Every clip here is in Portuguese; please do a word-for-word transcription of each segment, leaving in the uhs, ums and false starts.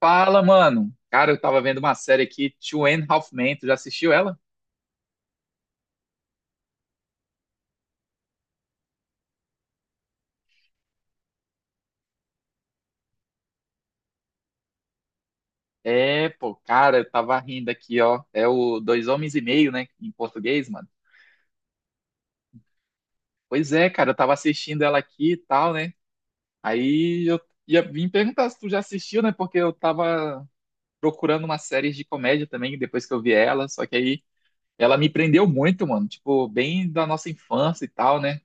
Fala, mano. Cara, eu tava vendo uma série aqui, tú end ráfi mén. Tu já assistiu ela? É, pô, cara, eu tava rindo aqui, ó. É o Dois Homens e Meio, né? Em português, mano. Pois é, cara, eu tava assistindo ela aqui e tal, né? Aí eu ia vim perguntar se tu já assistiu, né? Porque eu tava procurando uma série de comédia também, depois que eu vi ela. Só que aí ela me prendeu muito, mano. Tipo, bem da nossa infância e tal, né?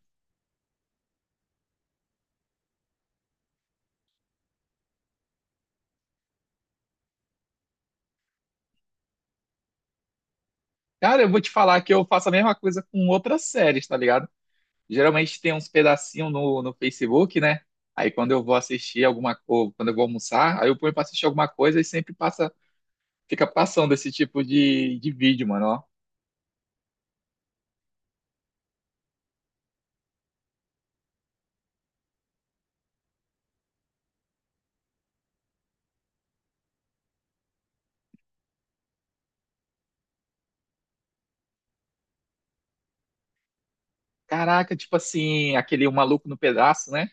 Cara, eu vou te falar que eu faço a mesma coisa com outras séries, tá ligado? Geralmente tem uns pedacinhos no, no Facebook, né? Aí quando eu vou assistir alguma coisa, quando eu vou almoçar, aí eu ponho pra assistir alguma coisa e sempre passa, fica passando esse tipo de, de vídeo, mano, ó. Caraca, tipo assim, aquele O maluco no pedaço, né?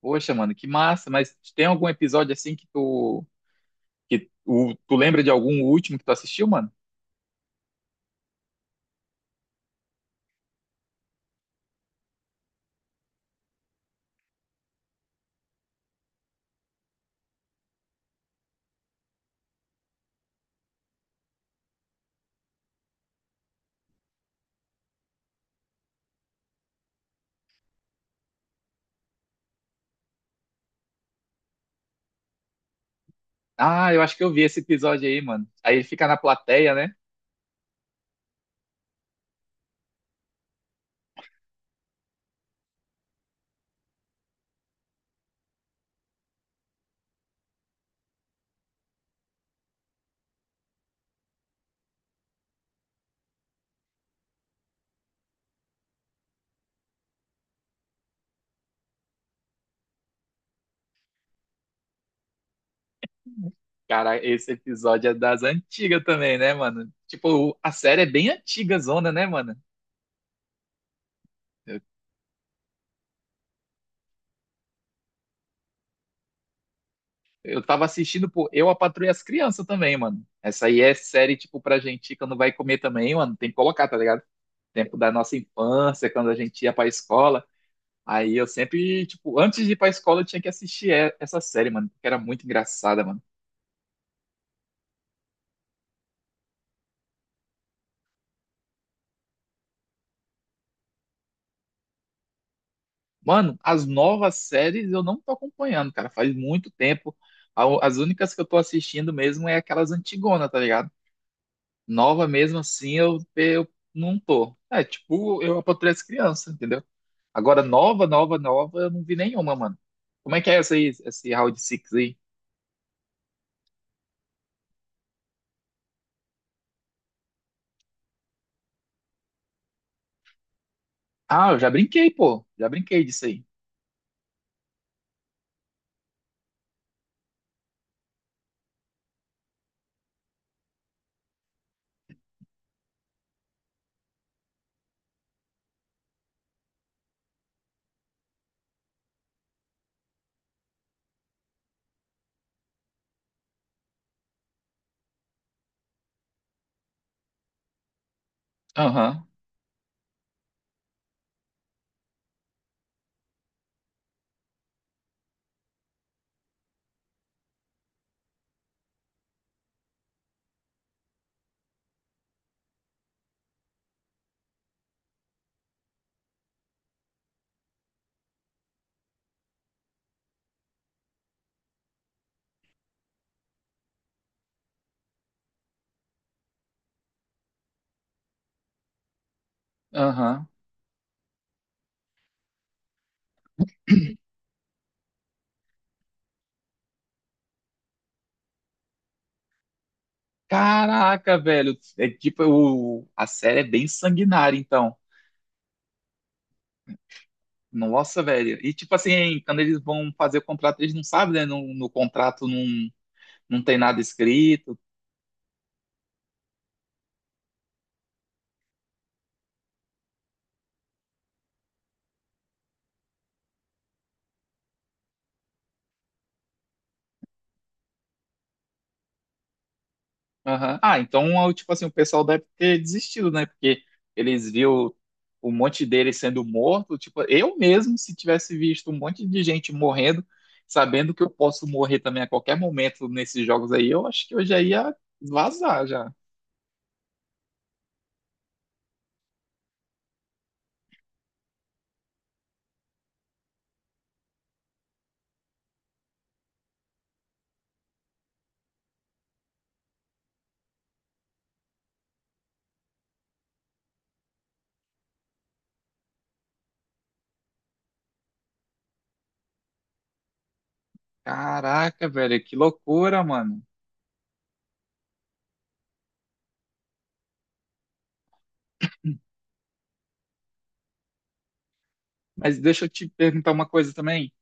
Poxa, mano, que massa, mas tem algum episódio assim que tu que o, tu lembra de algum último que tu assistiu, mano? Ah, eu acho que eu vi esse episódio aí, mano. Aí ele fica na plateia, né? Cara, esse episódio é das antigas também, né, mano? Tipo, a série é bem antiga, zona, né, mano? Eu tava assistindo, pô, Eu, a Patroa e as Crianças também, mano. Essa aí é série, tipo, pra gente que não vai comer também, mano. Tem que colocar, tá ligado? Tempo da nossa infância, quando a gente ia pra escola. Aí eu sempre, tipo, antes de ir pra escola eu tinha que assistir e- essa série, mano, porque era muito engraçada, mano. Mano, as novas séries eu não tô acompanhando, cara, faz muito tempo. A- As únicas que eu tô assistindo mesmo é aquelas antigonas, tá ligado? Nova mesmo assim eu, eu não tô. É, tipo, eu apatrei as crianças, entendeu? Agora, nova, nova, nova, eu não vi nenhuma, mano. Como é que é essa aí, esse Round Six aí? Ah, eu já brinquei, pô. Já brinquei disso aí. Aham, aham. Caraca, velho. É tipo, o, a série é bem sanguinária, então. Nossa, velho. E tipo assim, quando eles vão fazer o contrato, eles não sabem, né? No, no contrato não, não tem nada escrito. Aham. Ah, então, eu, tipo assim, o pessoal deve ter desistido, né? Porque eles viu um monte deles sendo morto. Tipo, eu mesmo, se tivesse visto um monte de gente morrendo, sabendo que eu posso morrer também a qualquer momento nesses jogos aí, eu acho que eu já ia vazar já. Caraca, velho, que loucura, mano. Mas deixa eu te perguntar uma coisa também.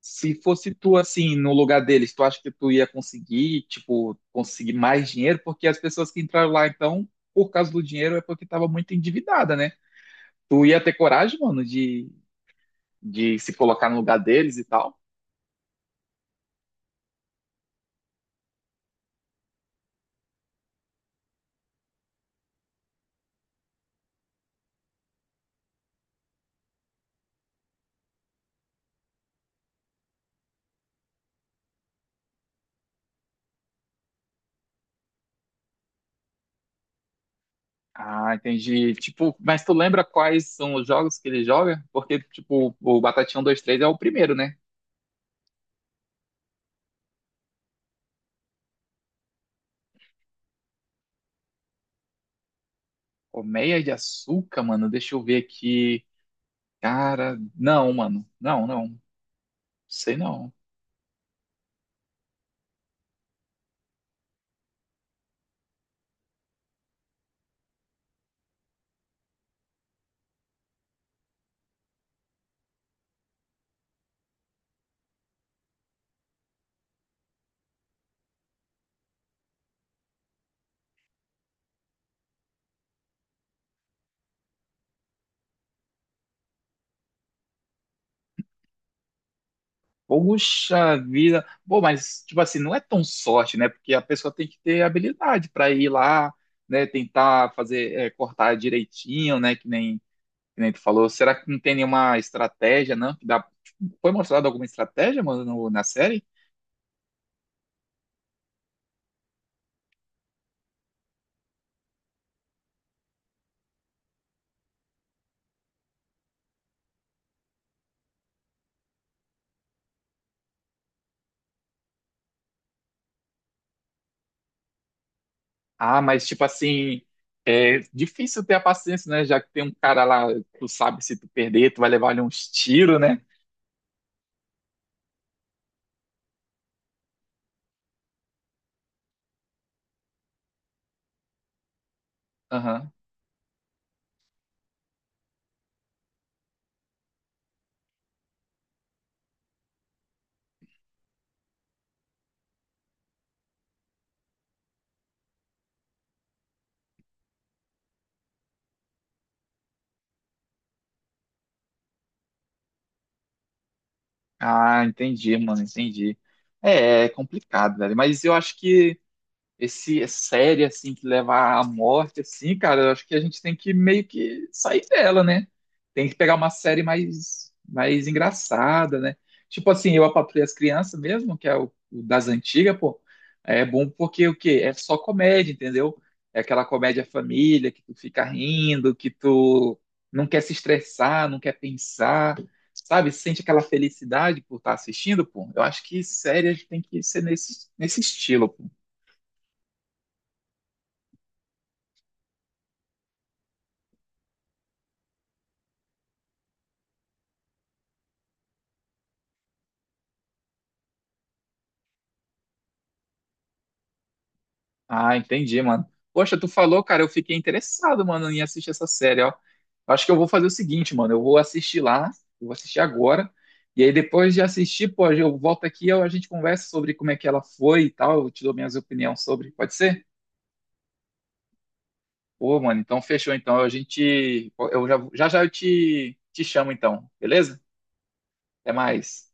Se fosse tu assim no lugar deles, tu acha que tu ia conseguir, tipo, conseguir mais dinheiro? Porque as pessoas que entraram lá, então, por causa do dinheiro, é porque tava muito endividada, né? Tu ia ter coragem, mano, de, de se colocar no lugar deles e tal? Ah, entendi. Tipo, mas tu lembra quais são os jogos que ele joga? Porque, tipo, o Batatinha um, dois três é o primeiro, né? Colmeia de açúcar, mano, deixa eu ver aqui. Cara, não, mano. Não, não. Sei não. Poxa vida. Pô, mas, tipo assim, não é tão sorte, né? Porque a pessoa tem que ter habilidade para ir lá, né? Tentar fazer, é, cortar direitinho, né? Que nem, que nem tu falou. Será que não tem nenhuma estratégia, não? Que dá... Foi mostrada alguma estratégia, mano, no- na série? Ah, mas, tipo assim, é difícil ter a paciência, né? Já que tem um cara lá, tu sabe se tu perder, tu vai levar ali uns tiros, né? Aham. Ah, entendi, mano, entendi. É, é complicado, velho. Mas eu acho que esse série assim que leva à morte assim, cara, eu acho que a gente tem que meio que sair dela, né? Tem que pegar uma série mais mais engraçada, né? Tipo assim, eu a Patroa e as Crianças mesmo, que é o, o das antigas, pô, é bom porque o quê? É só comédia, entendeu? É aquela comédia família que tu fica rindo, que tu não quer se estressar, não quer pensar, sabe? Sente aquela felicidade por estar assistindo, pô. Eu acho que série a gente tem que ser nesse, nesse estilo, pô. Ah, entendi, mano. Poxa, tu falou, cara, eu fiquei interessado, mano, em assistir essa série, ó. Eu acho que eu vou fazer o seguinte, mano, eu vou assistir lá, eu vou assistir agora, e aí depois de assistir, pô, eu volto aqui e a gente conversa sobre como é que ela foi e tal, eu te dou minhas opiniões sobre, pode ser? Pô, mano, então fechou, então, a gente, eu já já, já eu te, te chamo, então, beleza? Até mais.